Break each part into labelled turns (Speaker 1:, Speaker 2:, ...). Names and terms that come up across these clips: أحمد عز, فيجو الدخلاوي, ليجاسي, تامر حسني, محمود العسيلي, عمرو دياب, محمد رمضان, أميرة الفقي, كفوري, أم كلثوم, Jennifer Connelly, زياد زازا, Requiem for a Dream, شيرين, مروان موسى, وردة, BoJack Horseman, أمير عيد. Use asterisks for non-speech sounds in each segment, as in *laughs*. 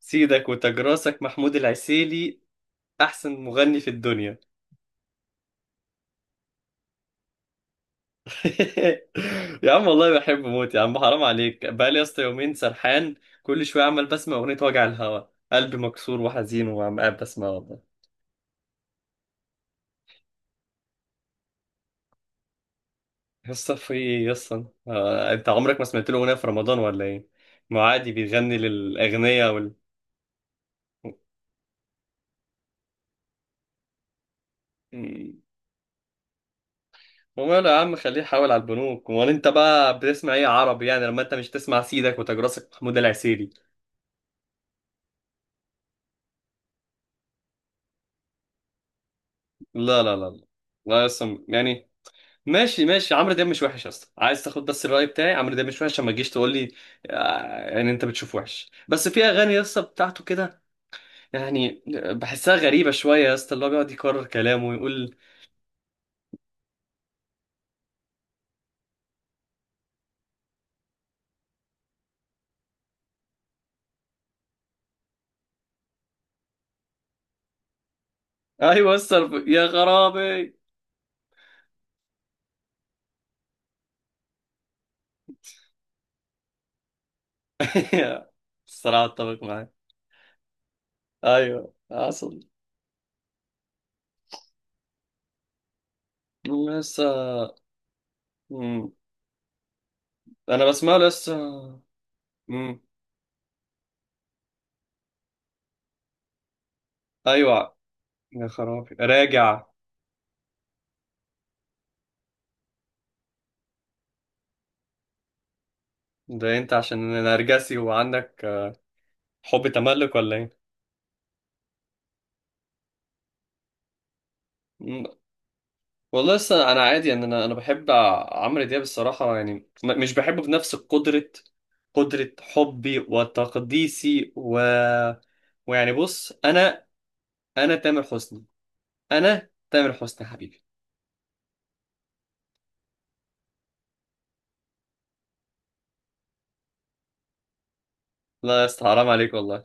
Speaker 1: سيدك وتجراسك محمود العسيلي، احسن مغني في الدنيا. *laughs* يا عم والله بحب موت، يا عم حرام عليك، بقالي يا اسطى يومين سرحان، كل شويه عمال بسمع اغنيه وجع الهوا، قلبي مكسور وحزين وعم قاعد بسمع والله. يا اسطى في ايه يا اسطى؟ انت عمرك ما سمعت له اغنيه في رمضان ولا ايه؟ ما عادي بيغني للاغنياء مم. وماله يا عم، خليه يحاول على البنوك، امال انت بقى بتسمع ايه عربي؟ يعني لما انت مش تسمع سيدك وتجراسك محمود العسيلي؟ لا لا لا لا. لا اصلا يعني. ماشي ماشي، عمرو دياب مش وحش، اصلا عايز تاخد بس الرأي بتاعي، عمرو دياب مش وحش عشان ما تجيش تقول لي. يعني انت بتشوف وحش، بس في اغاني يا اسطى بتاعته كده يعني، بحسها غريبة شوية يا اسطى، اللي هو بيقعد يكرر كلامه ويقول. ايوه يا اسطى يا غرابي. *laughs* الصراحة اتفق معاك، ايوه اصلا. لسه. مم. انا بسمع له لسه. مم. ايوه. يا خرابي راجع. ده انت عشان نرجسي وعندك حب تملك ولا ايه؟ مم. والله لسه انا عادي يعني، انا بحب عمرو دياب الصراحه يعني. مش بحبه بنفس قدره، قدره حبي وتقديسي ويعني بص انا، انا تامر حسني، انا تامر حسني حبيبي. لا يا اسطى حرام عليك والله.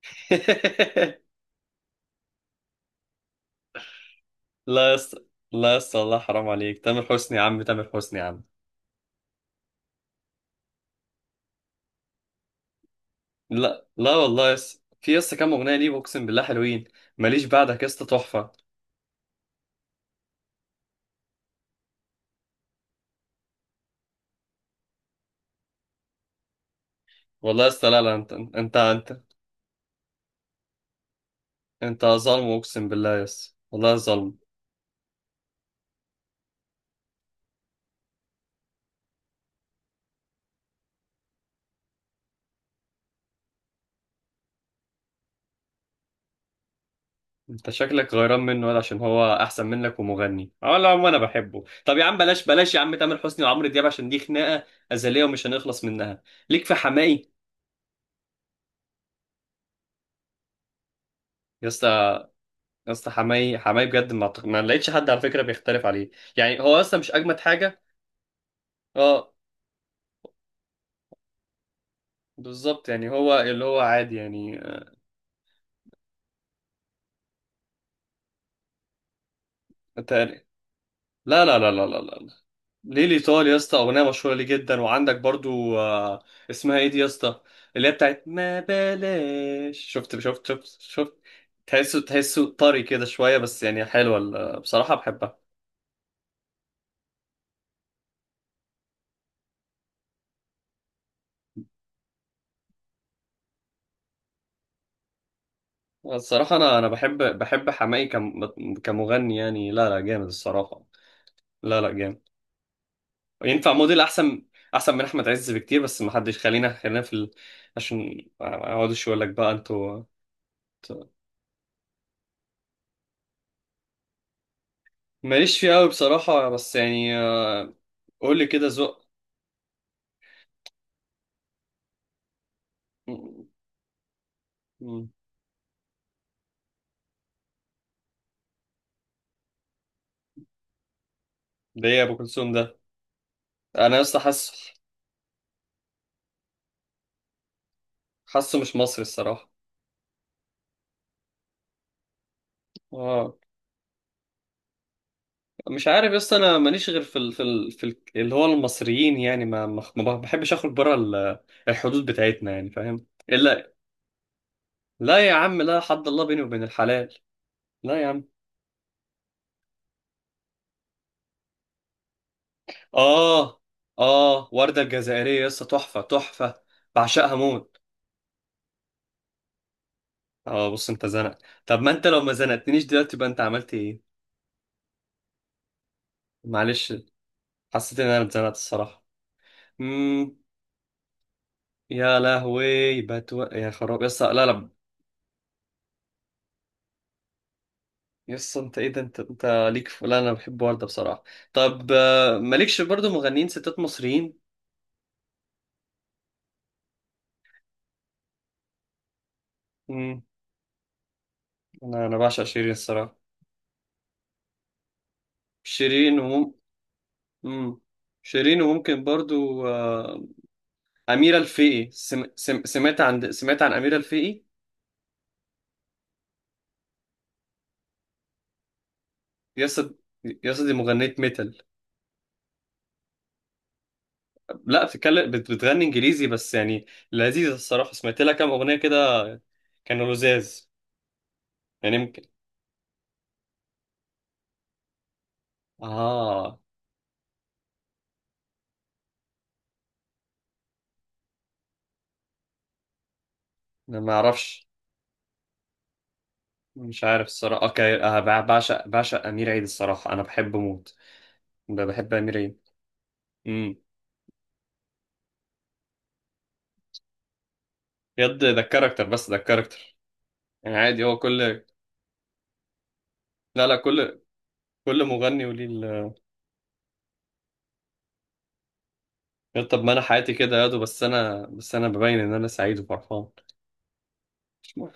Speaker 1: *laughs* لا يا اسطى، لا يا اسطى والله حرام عليك، تامر حسني يا عم، تامر حسني يا عم. لا لا والله يا اسطى، في يا اسطى كام اغنيه ليه، اقسم بالله حلوين. ماليش بعدك يا اسطى، تحفه. والله يا اسطى لا لا، انت انت ظالم، اقسم بالله يس، والله ظالم. انت شكلك غيران منه، ولا عشان هو احسن منك ومغني. اه لا عم، انا بحبه، طب يا عم بلاش بلاش يا عم تامر حسني وعمرو دياب، عشان دي خناقه ازليه ومش هنخلص منها. ليك في حماقي. يا اسطى يا اسطى، حماقي حماقي بجد، ما لقيتش حد على فكره بيختلف عليه. يعني هو اصلا مش اجمد حاجه. اه. بالظبط، يعني هو اللي هو عادي يعني. تقري- لا لا لا لا لا لا. ليه الإيطالي يا اسطى؟ أغنية مشهورة ليه جدا، وعندك برضو اسمها إيه دي يا اسطى؟ اللي هي بتاعت ما بلاش شفت شفت شفت شفت. تحسه طري كده شوية، بس يعني حلوة بصراحة بحبها. الصراحة أنا بحب حماقي كمغني يعني، لا لا جامد الصراحة. لا لا جامد. ينفع موديل أحسن، أحسن من أحمد عز بكتير، بس ما حدش، خلينا خلينا عشان ما أقعدش أقول لك بقى أنتوا. أنتوا- ماليش فيه أوي بصراحة، بس يعني قول لي كده ذوق. مم. ده ايه ابو كلثوم ده؟ انا يا اسطى حاسه، حاسه مش مصري الصراحه. اه. مش عارف يا اسطى انا ماليش غير اللي هو المصريين، يعني ما بحبش اخرج بره الحدود بتاعتنا، يعني فاهم الا. لا يا عم لا، حد الله بيني وبين الحلال. لا يا عم. اه اه ورده الجزائريه يا اسطى، تحفه تحفه. بعشقها موت. اه بص، انت زنق. طب ما انت لو ما زنقتنيش دلوقتي يبقى انت عملت ايه؟ معلش، حسيت ان انا اتزنقت الصراحه. مم. يا لهوي يا خراب يس، لا لا. يس انت ايه ده، انت ليك لا انا بحب وردة بصراحة. طب مالكش برضو مغنيين ستات مصريين؟ امم. انا بعشق شيرين الصراحة. شيرين امم. شيرين، وممكن برضو أميرة الفقي. سمعت عن أميرة الفقي. يس. يس دي مغنية ميتال. لا، بتغني انجليزي بس يعني، لذيذة الصراحة، سمعت لها كام أغنية كده. كانوا لذاذ. يعني يمكن. اه. أنا ما اعرفش. مش عارف الصراحه. اوكي أه بعشق امير عيد الصراحه، انا بحبه موت. بحب امير عيد. امم. بجد ده الكاركتر، بس ده الكاركتر. يعني عادي هو كل. لا لا كل. كل مغني وليه يا طب ما انا حياتي كده يا دو، بس انا، بس انا ببين ان انا سعيد وفرحان. مش مهم.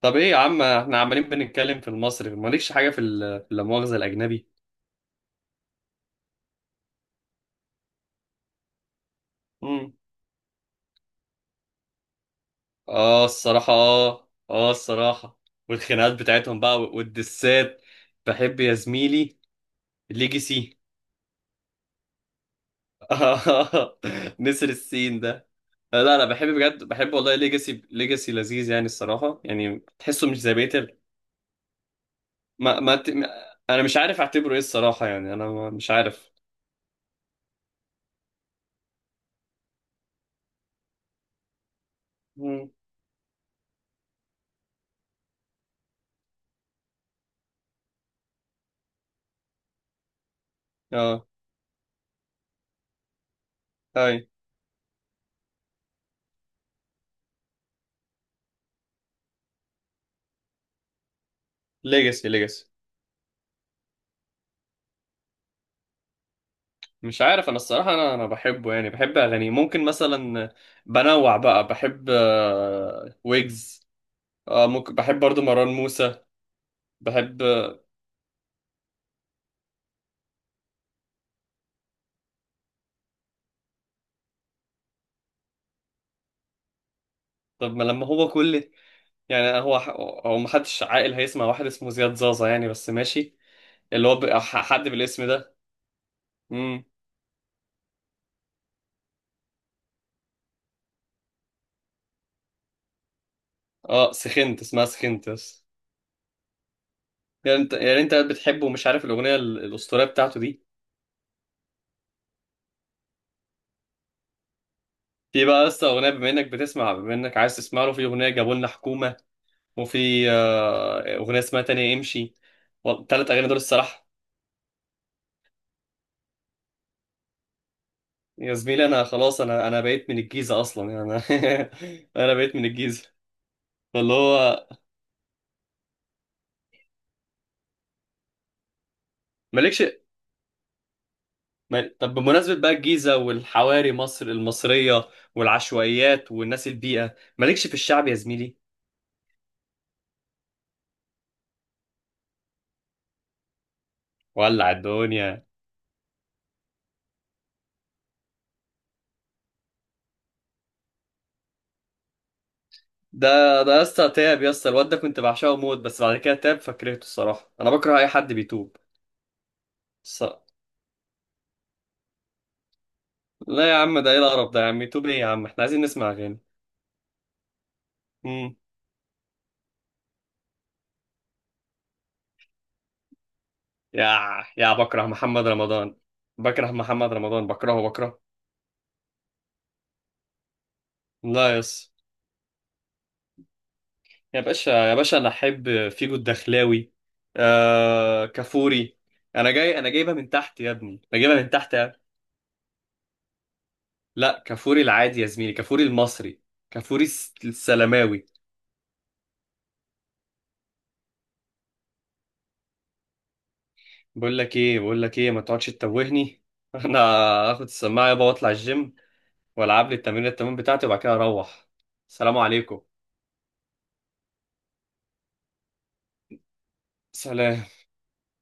Speaker 1: طب ايه يا عم، احنا عمالين بنتكلم في المصري، مالكش حاجه في لا مؤاخذه الاجنبي؟ امم. اه الصراحه، اه اه الصراحه. والخناقات بتاعتهم بقى والدسات. بحب يا زميلي. ليجاسي. آه، *laughs* نسر السين ده. لا لا بحب، بجد بحب والله، ليجاسي ليجاسي لذيذ يعني الصراحة، يعني تحسه مش زي بيتر. ما ما ت- ما- انا مش عارف اعتبره ايه الصراحة، يعني انا مش عارف. مم. اه. اي. ليجاسي ليجاسي. مش عارف انا الصراحة، انا بحبه يعني، بحب اغانيه ممكن مثلا، بنوع بقى بحب ويجز. اه ممكن بحب برضو مروان موسى. بحب. طب ما لما هو كل، يعني هو محدش عاقل هيسمع واحد اسمه زياد زازا يعني، بس ماشي. اللي هو بقى حد بالاسم ده. امم. اه سخنت، اسمها سخنت بس. يعني انت، يعني انت بتحبه ومش عارف الاغنيه الاسطوريه بتاعته دي. في بقى لسه اغنيه، بما انك بتسمع، بما انك عايز تسمع له، في اغنيه جابوا لنا حكومه، وفي اغنيه اسمها تانية امشي. الثلاث اغاني دول الصراحه. يا زميلي انا خلاص، انا بقيت من الجيزه اصلا، يعني انا. *laughs* انا بقيت من الجيزه. فاللي هو. مالكش. طب بمناسبه بقى الجيزه والحواري مصر المصريه والعشوائيات والناس البيئه، مالكش في الشعب يا زميلي؟ ولع الدنيا. ده ده يا اسطى تاب، يا اسطى الواد ده كنت بعشقه موت، بس بعد كده تاب فكرهته الصراحه، انا بكره اي حد بيتوب الصراحة. لا يا عم، ده ايه القرف ده يا عم، يتوب ايه يا عم، احنا عايزين نسمع اغاني. امم. يا يا بكره محمد رمضان، بكره محمد رمضان، بكرهه بكرهه. لا يا اسطى. يا باشا يا باشا انا احب فيجو الدخلاوي. آه كفوري. انا جاي انا جايبها من تحت يا ابني، انا جايبها من تحت يا ابني. لا كفوري العادي يا زميلي، كفوري المصري. كفوري السلماوي. بقول لك ايه، بقول لك ايه، ما تقعدش تتوهني. *laughs* انا هاخد السماعه يابا واطلع الجيم، والعب لي التمرين، التمرين بتاعتي، وبعد كده اروح. السلام عليكم. سلام.